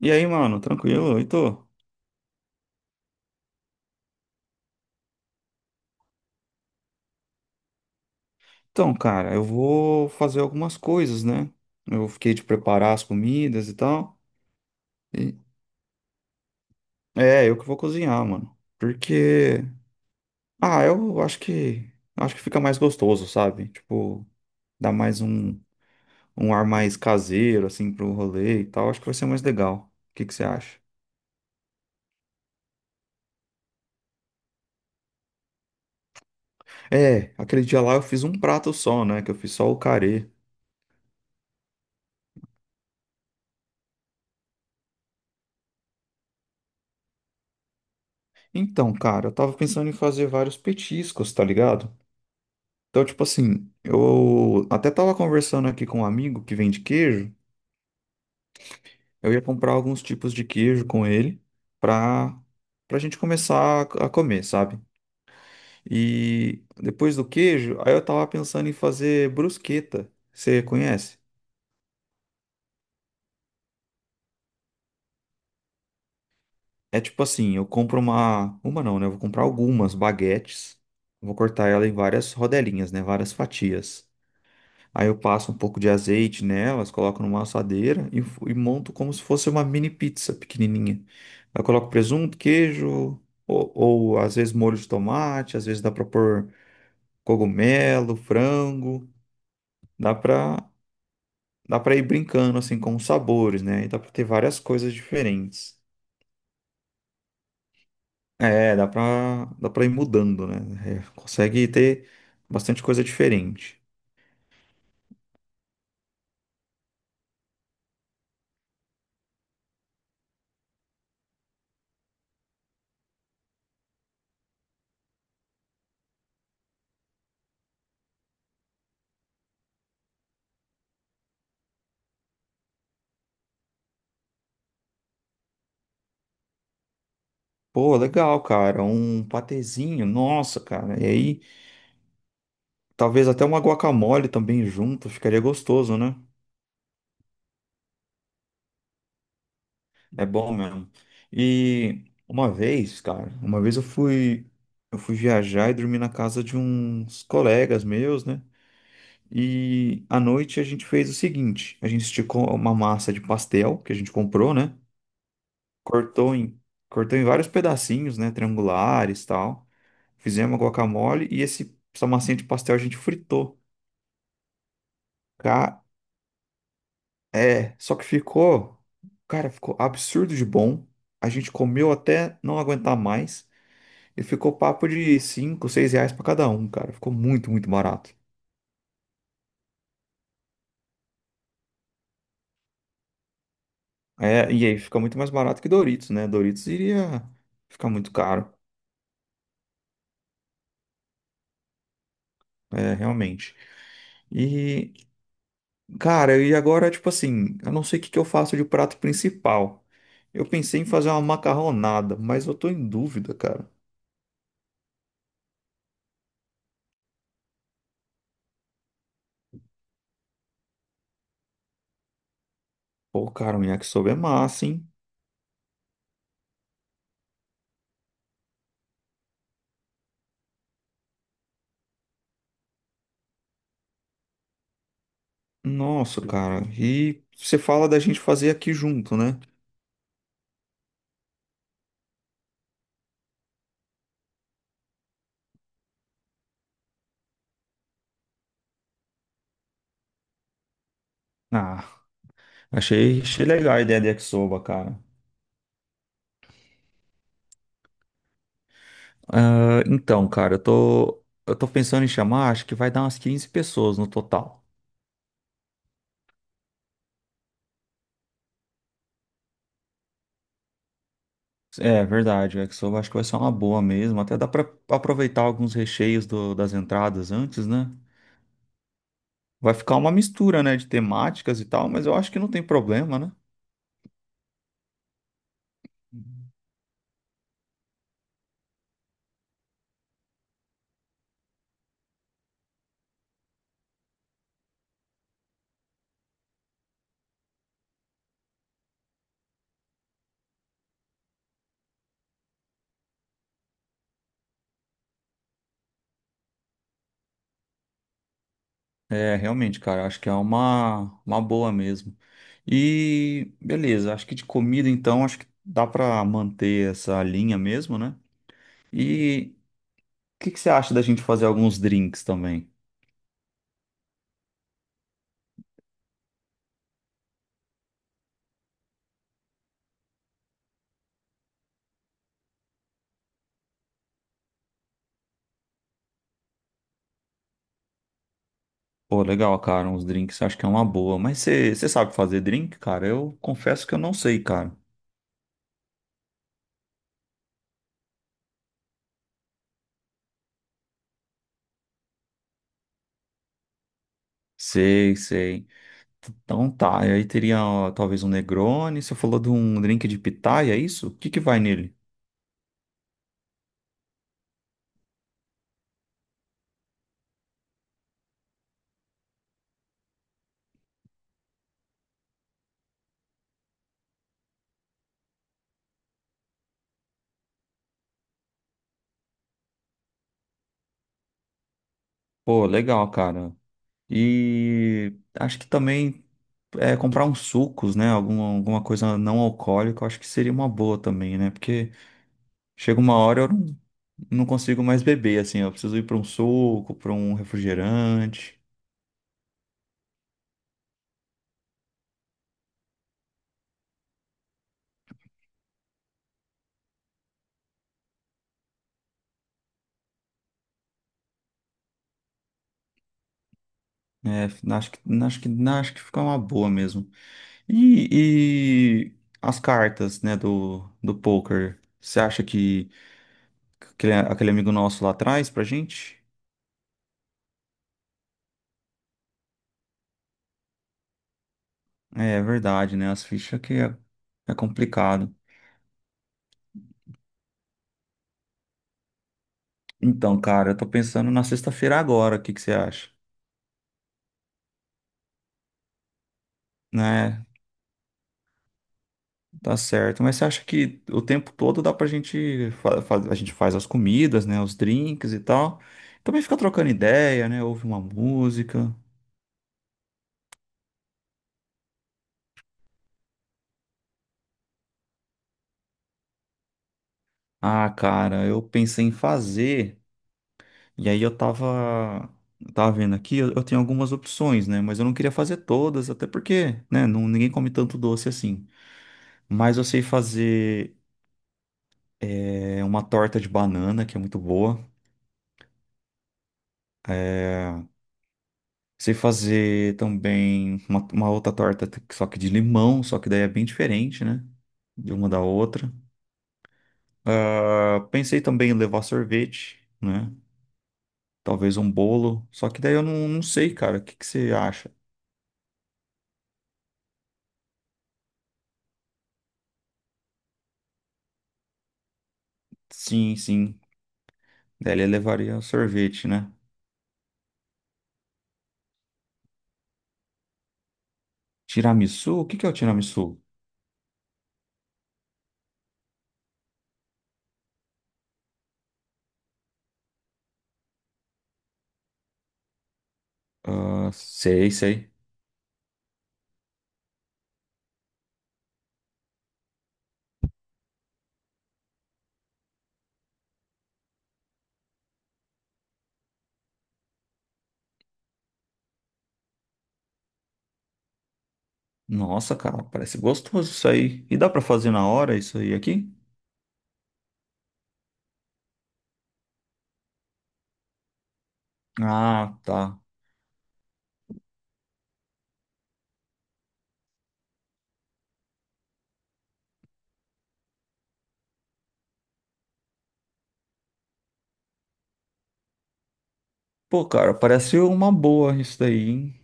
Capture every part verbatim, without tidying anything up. E aí, mano, tranquilo? E tô? Então, cara, eu vou fazer algumas coisas, né? Eu fiquei de preparar as comidas e tal. E- É, eu que vou cozinhar, mano. Porque, ah, eu acho que acho que fica mais gostoso, sabe? Tipo, dá mais um, um ar mais caseiro assim pro rolê e tal. Acho que vai ser mais legal. O que que você acha? É, aquele dia lá eu fiz um prato só, né? Que eu fiz só o carê. Então, cara, eu tava pensando em fazer vários petiscos, tá ligado? Então, tipo assim, eu até tava conversando aqui com um amigo que vende queijo. Eu ia comprar alguns tipos de queijo com ele pra, pra gente começar a comer, sabe? E depois do queijo, aí eu tava pensando em fazer brusqueta. Você conhece? É tipo assim, eu compro uma. Uma não, né? Eu vou comprar algumas baguetes. Vou cortar ela em várias rodelinhas, né? Várias fatias. Aí eu passo um pouco de azeite nelas, coloco numa assadeira e, f- e monto como se fosse uma mini pizza pequenininha. Eu coloco presunto, queijo, ou, ou às vezes molho de tomate, às vezes dá pra pôr cogumelo, frango. Dá pra, dá pra ir brincando assim com os sabores, né? E dá pra ter várias coisas diferentes. É, dá pra, dá pra ir mudando, né? É, consegue ter bastante coisa diferente. Pô, legal, cara. Um patezinho, nossa, cara. E aí. Talvez até uma guacamole também junto, ficaria gostoso, né? É bom mesmo. E uma vez, cara, uma vez eu fui, eu fui, viajar e dormi na casa de uns colegas meus, né? E à noite a gente fez o seguinte, a gente esticou uma massa de pastel que a gente comprou, né? Cortou em, cortou em vários pedacinhos, né? Triangulares, e tal. Fizemos uma guacamole e esse, essa massinha de pastel a gente fritou. Ca- É, só que ficou, cara, ficou absurdo de bom. A gente comeu até não aguentar mais e ficou papo de cinco, seis reais pra cada um, cara. Ficou muito, muito barato. É, e aí fica muito mais barato que Doritos, né? Doritos iria ficar muito caro, é, realmente. E, cara, e agora, tipo assim, eu não sei o que que eu faço de prato principal. Eu pensei em fazer uma macarronada, mas eu tô em dúvida, cara. Pô, cara, um yakisoba é massa, hein? Nossa, cara. E você fala da gente fazer aqui junto, né? Ah, achei, achei legal a ideia de Yakisoba, cara. Ah, então, cara, eu tô, eu tô pensando em chamar, acho que vai dar umas quinze pessoas no total. É, verdade, o Yakisoba acho que vai ser uma boa mesmo. Até dá pra aproveitar alguns recheios do- das entradas antes, né? Vai ficar uma mistura, né, de temáticas e tal, mas eu acho que não tem problema, né? É, realmente, cara, acho que é uma, uma boa mesmo. E beleza, acho que de comida então, acho que dá pra manter essa linha mesmo, né? E o que que você acha da gente fazer alguns drinks também? Pô, legal, cara, uns drinks, acho que é uma boa. Mas você você sabe fazer drink, cara? Eu confesso que eu não sei, cara. Sei, sei. Então tá, e aí teria ó, talvez um Negroni, você falou de um drink de pitaia, é isso? O que que vai nele? Pô, legal, cara. E acho que também. É, comprar uns sucos, né? Alguma alguma coisa não alcoólica, eu acho que seria uma boa também, né? Porque chega uma hora eu não, não, consigo mais beber, assim, eu preciso ir para um suco, para um refrigerante. Né? acho que, acho que, acho que fica uma boa mesmo. E, e as cartas, né, do, do poker, você acha que aquele, aquele amigo nosso lá traz pra gente? É é verdade, né? As fichas que é, é complicado. Então, cara, eu tô pensando na sexta-feira agora, o que que você acha? Né? Tá certo. Mas você acha que o tempo todo dá pra gente fa- fa- a gente faz as comidas, né? Os drinks e tal. Também fica trocando ideia, né? Ouve uma música. Ah, cara, eu pensei em fazer. E aí eu tava, eu tava, vendo aqui, eu, eu tenho algumas opções, né? Mas eu não queria fazer todas, até porque, né? Não, ninguém come tanto doce assim. Mas eu sei fazer é, uma torta de banana, que é muito boa. Sei fazer também uma, uma outra torta, t- só que de limão, só que daí é bem diferente, né? De uma da outra. Ah, pensei também em levar sorvete, né? Talvez um bolo, só que daí eu não, não sei, cara. O que que você acha? Sim, sim. Daí ele levaria sorvete, né? Tiramisu? O que que é o tiramisu? Ah, sei, sei. Nossa, cara, parece gostoso isso aí. E dá pra fazer na hora isso aí aqui? Ah, tá. Pô, cara, parece uma boa isso daí, hein?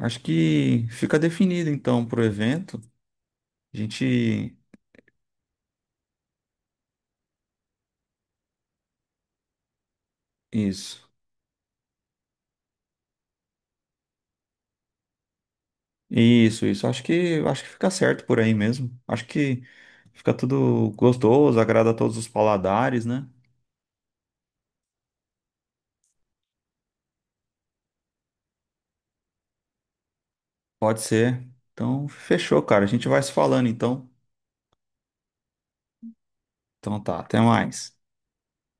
Acho que fica definido então pro evento. A gente. Isso. Isso, isso. Acho que acho que fica certo por aí mesmo. Acho que fica tudo gostoso, agrada a todos os paladares, né? Pode ser. Então, fechou, cara. A gente vai se falando então. Então tá, até mais.